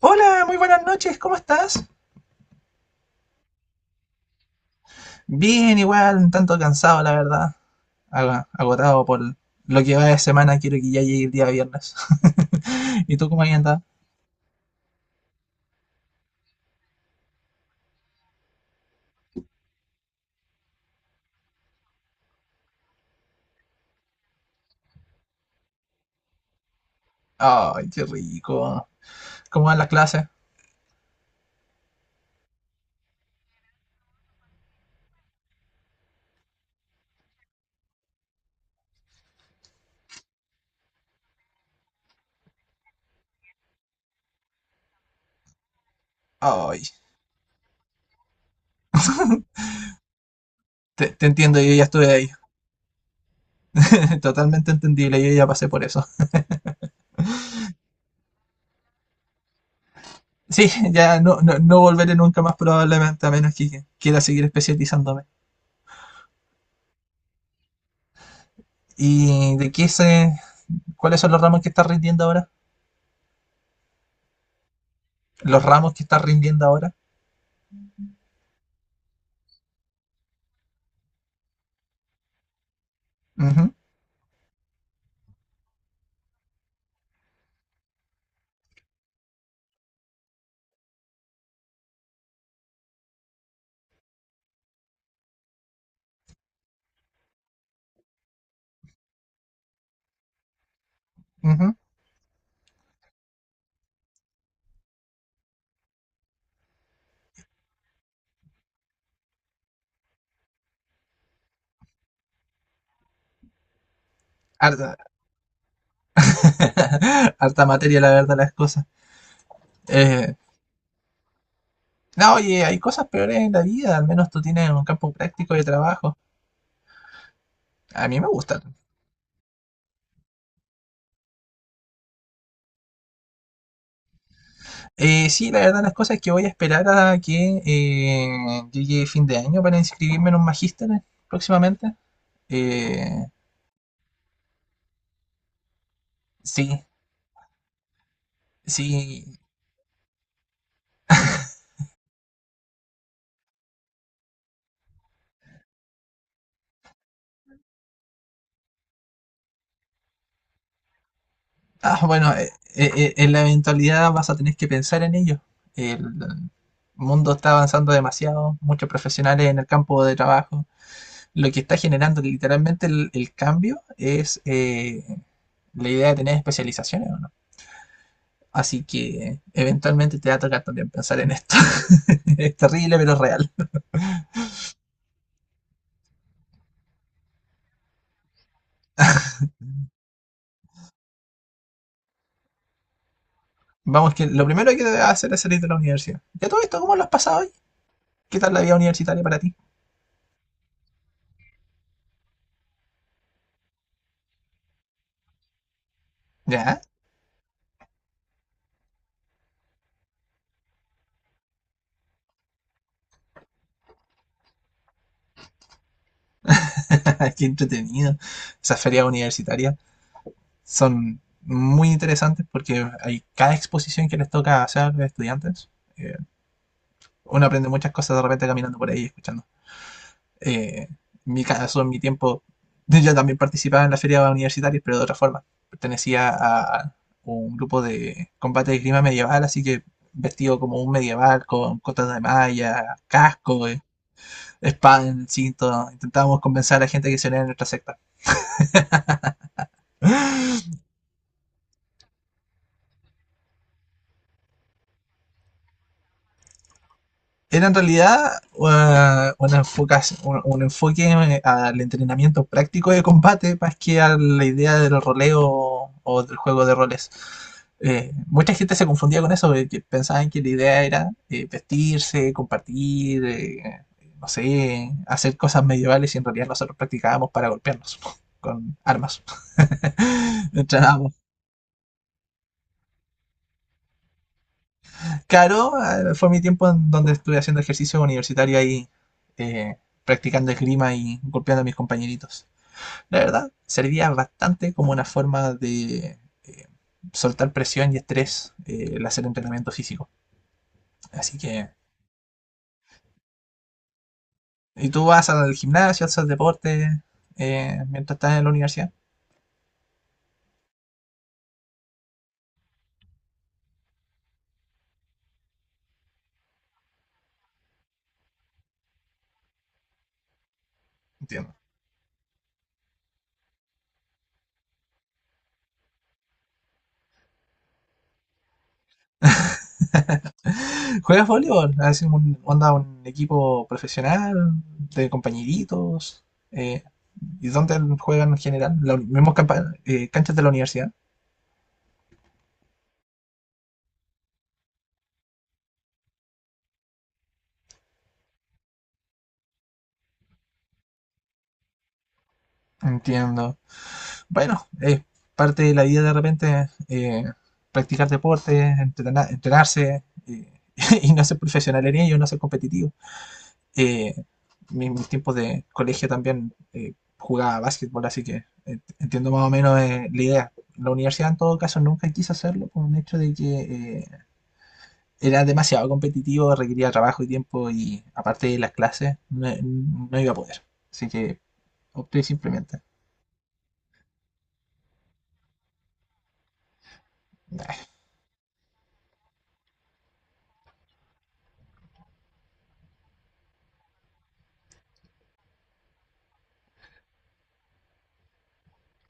Hola, muy buenas noches, ¿cómo estás? Bien, igual, un tanto cansado, la verdad. Agotado por lo que va de semana, quiero que ya llegue el día viernes. ¿Y tú cómo has andado? Ay, qué rico. ¿Cómo van las clases? Ay, te entiendo, yo ya estuve ahí. Totalmente entendible, yo ya pasé por eso. Sí, ya no, no, no volveré nunca más probablemente, a menos que quiera seguir especializándome. ¿Y de qué se, cuáles son los ramos que estás rindiendo ahora? ¿Los ramos que estás rindiendo ahora? Ujú, ujú. Ar- Harta materia, la verdad, las cosas. Eh, no, oye, hay cosas peores en la vida, al menos tú tienes un campo práctico de trabajo. A mí me gusta. Sí, la verdad, las cosas es que voy a esperar a que llegue fin de año para inscribirme en un magíster próximamente. Eh, sí, sí. Ah, bueno, en la eventualidad vas a tener que pensar en ello. El mundo está avanzando demasiado, muchos profesionales en el campo de trabajo. Lo que está generando literalmente el cambio es la idea de tener especializaciones, ¿o no? Así que eventualmente te va a tocar también pensar en esto. Es terrible, pero es real. Vamos, que lo primero que debes hacer es salir de la universidad. ¿Ya todo esto cómo lo has pasado hoy? ¿Qué tal la vida universitaria para ti? Ya, qué entretenido. Esas ferias universitarias son muy interesantes porque hay cada exposición que les toca hacer a los estudiantes. eh, Uno aprende muchas cosas de repente caminando por ahí, escuchando. Eh, en mi caso, en mi tiempo, yo también participaba en las ferias universitarias, pero de otra forma. Pertenecía a un grupo de combate de clima medieval, así que vestido como un medieval, con cotas de malla, casco, espada en el cinto. Intentábamos convencer a la gente que se uniera a nuestra secta. Era en realidad un enfoque al entrenamiento práctico de combate más que a la idea del roleo o del juego de roles. Mucha gente se confundía con eso, que pensaban que la idea era vestirse, compartir, no sé, hacer cosas medievales y en realidad nosotros practicábamos para golpearnos con armas. Entrenábamos. Claro, fue mi tiempo en donde estuve haciendo ejercicio universitario ahí, eh, practicando esgrima y golpeando a mis compañeritos. La verdad, servía bastante como una forma de eh, soltar presión y estrés el hacer entrenamiento físico. Así que, ¿y tú vas al gimnasio, haces deporte mientras estás en la universidad? Entiendo. ¿Juegas voleibol? ¿Haces un, onda un equipo profesional de compañeritos? Eh, ¿Y dónde juegan en general? ¿Los mismos canchas de la universidad? Entiendo. Bueno, es parte de la vida de repente practicar deporte, entrenarse y no ser profesional en ello, no ser competitivo. Eh, Mis tiempos de colegio también jugaba básquetbol, así que entiendo más o menos la idea. La universidad en todo caso nunca quise hacerlo por un hecho de que eh, era demasiado competitivo, requería trabajo y tiempo y aparte de las clases no, no iba a poder. Así que opté simplemente. ¡Ah,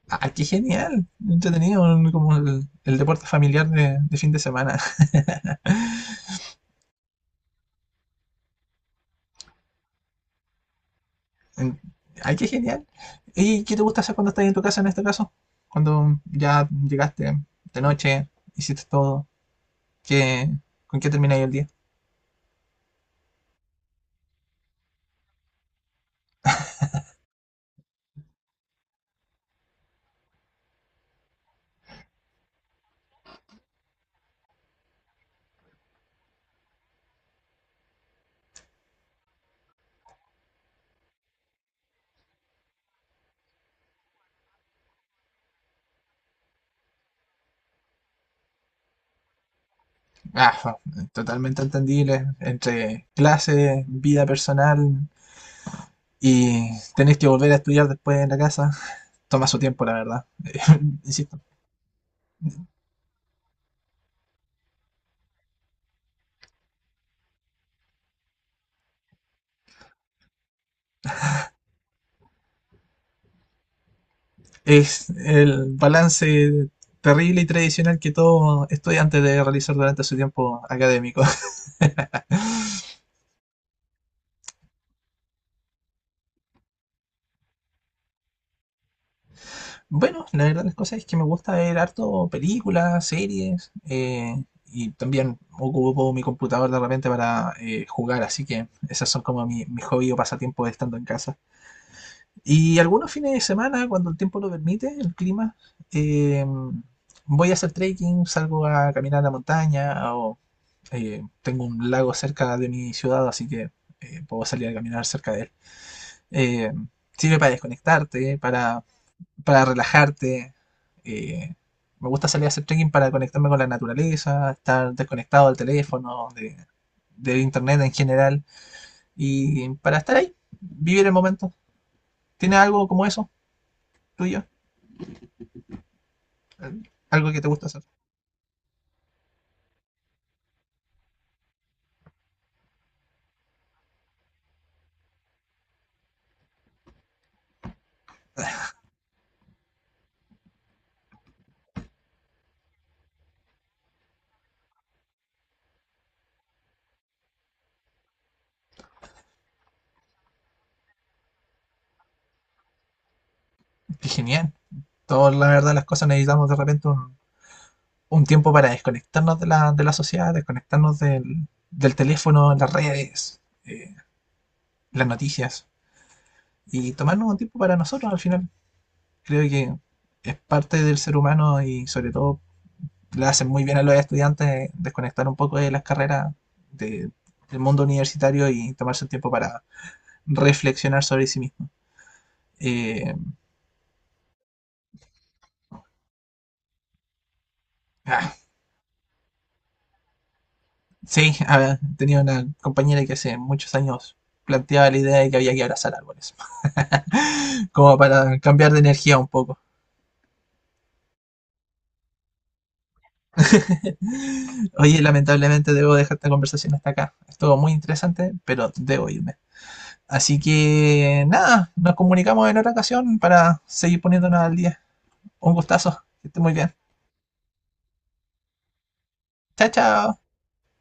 ah, qué genial! Entretenido, como el deporte familiar de fin de semana. En- Ay, qué genial. ¿Y qué te gusta hacer cuando estás en tu casa en este caso? Cuando ya llegaste de noche, hiciste todo, ¿qué, con qué termináis el día? Ah, totalmente entendible. Entre clases, vida personal y tenés que volver a estudiar después en la casa. Toma su tiempo, la verdad. Insisto. Es el balance terrible y tradicional que todo estudiante debe realizar durante su tiempo académico. Bueno, la verdad las cosas es que me gusta ver harto películas, series, y también ocupo mi computador de repente para jugar, así que esas son como mi hobby o pasatiempo de estando en casa. Y algunos fines de semana, cuando el tiempo lo permite, el clima, eh, voy a hacer trekking, salgo a caminar a la montaña, o tengo un lago cerca de mi ciudad, así que puedo salir a caminar cerca de él. Eh, Sirve para desconectarte, para relajarte. eh, Me gusta salir a hacer trekking para conectarme con la naturaleza, estar desconectado del teléfono, de, del internet en general, y para estar ahí, vivir el momento. ¿Tienes algo como eso, tuyo? Algo que te gusta hacer. Qué genial. Todos, la verdad, las cosas necesitamos de repente un tiempo para desconectarnos de la sociedad, desconectarnos del teléfono, las redes, las noticias, y tomarnos un tiempo para nosotros al final. Creo que es parte del ser humano y sobre todo le hacen muy bien a los estudiantes desconectar un poco de las carreras de- del mundo universitario y tomarse un tiempo para reflexionar sobre sí mismo. Eh, ah, sí, ah, tenía una compañera que hace muchos años planteaba la idea de que había que abrazar árboles, como para cambiar de energía un poco. Oye, lamentablemente debo dejar esta conversación hasta acá. Estuvo muy interesante, pero debo irme. Así que nada, nos comunicamos en otra ocasión para seguir poniéndonos al día. Un gustazo, que esté muy bien. Chao, chao.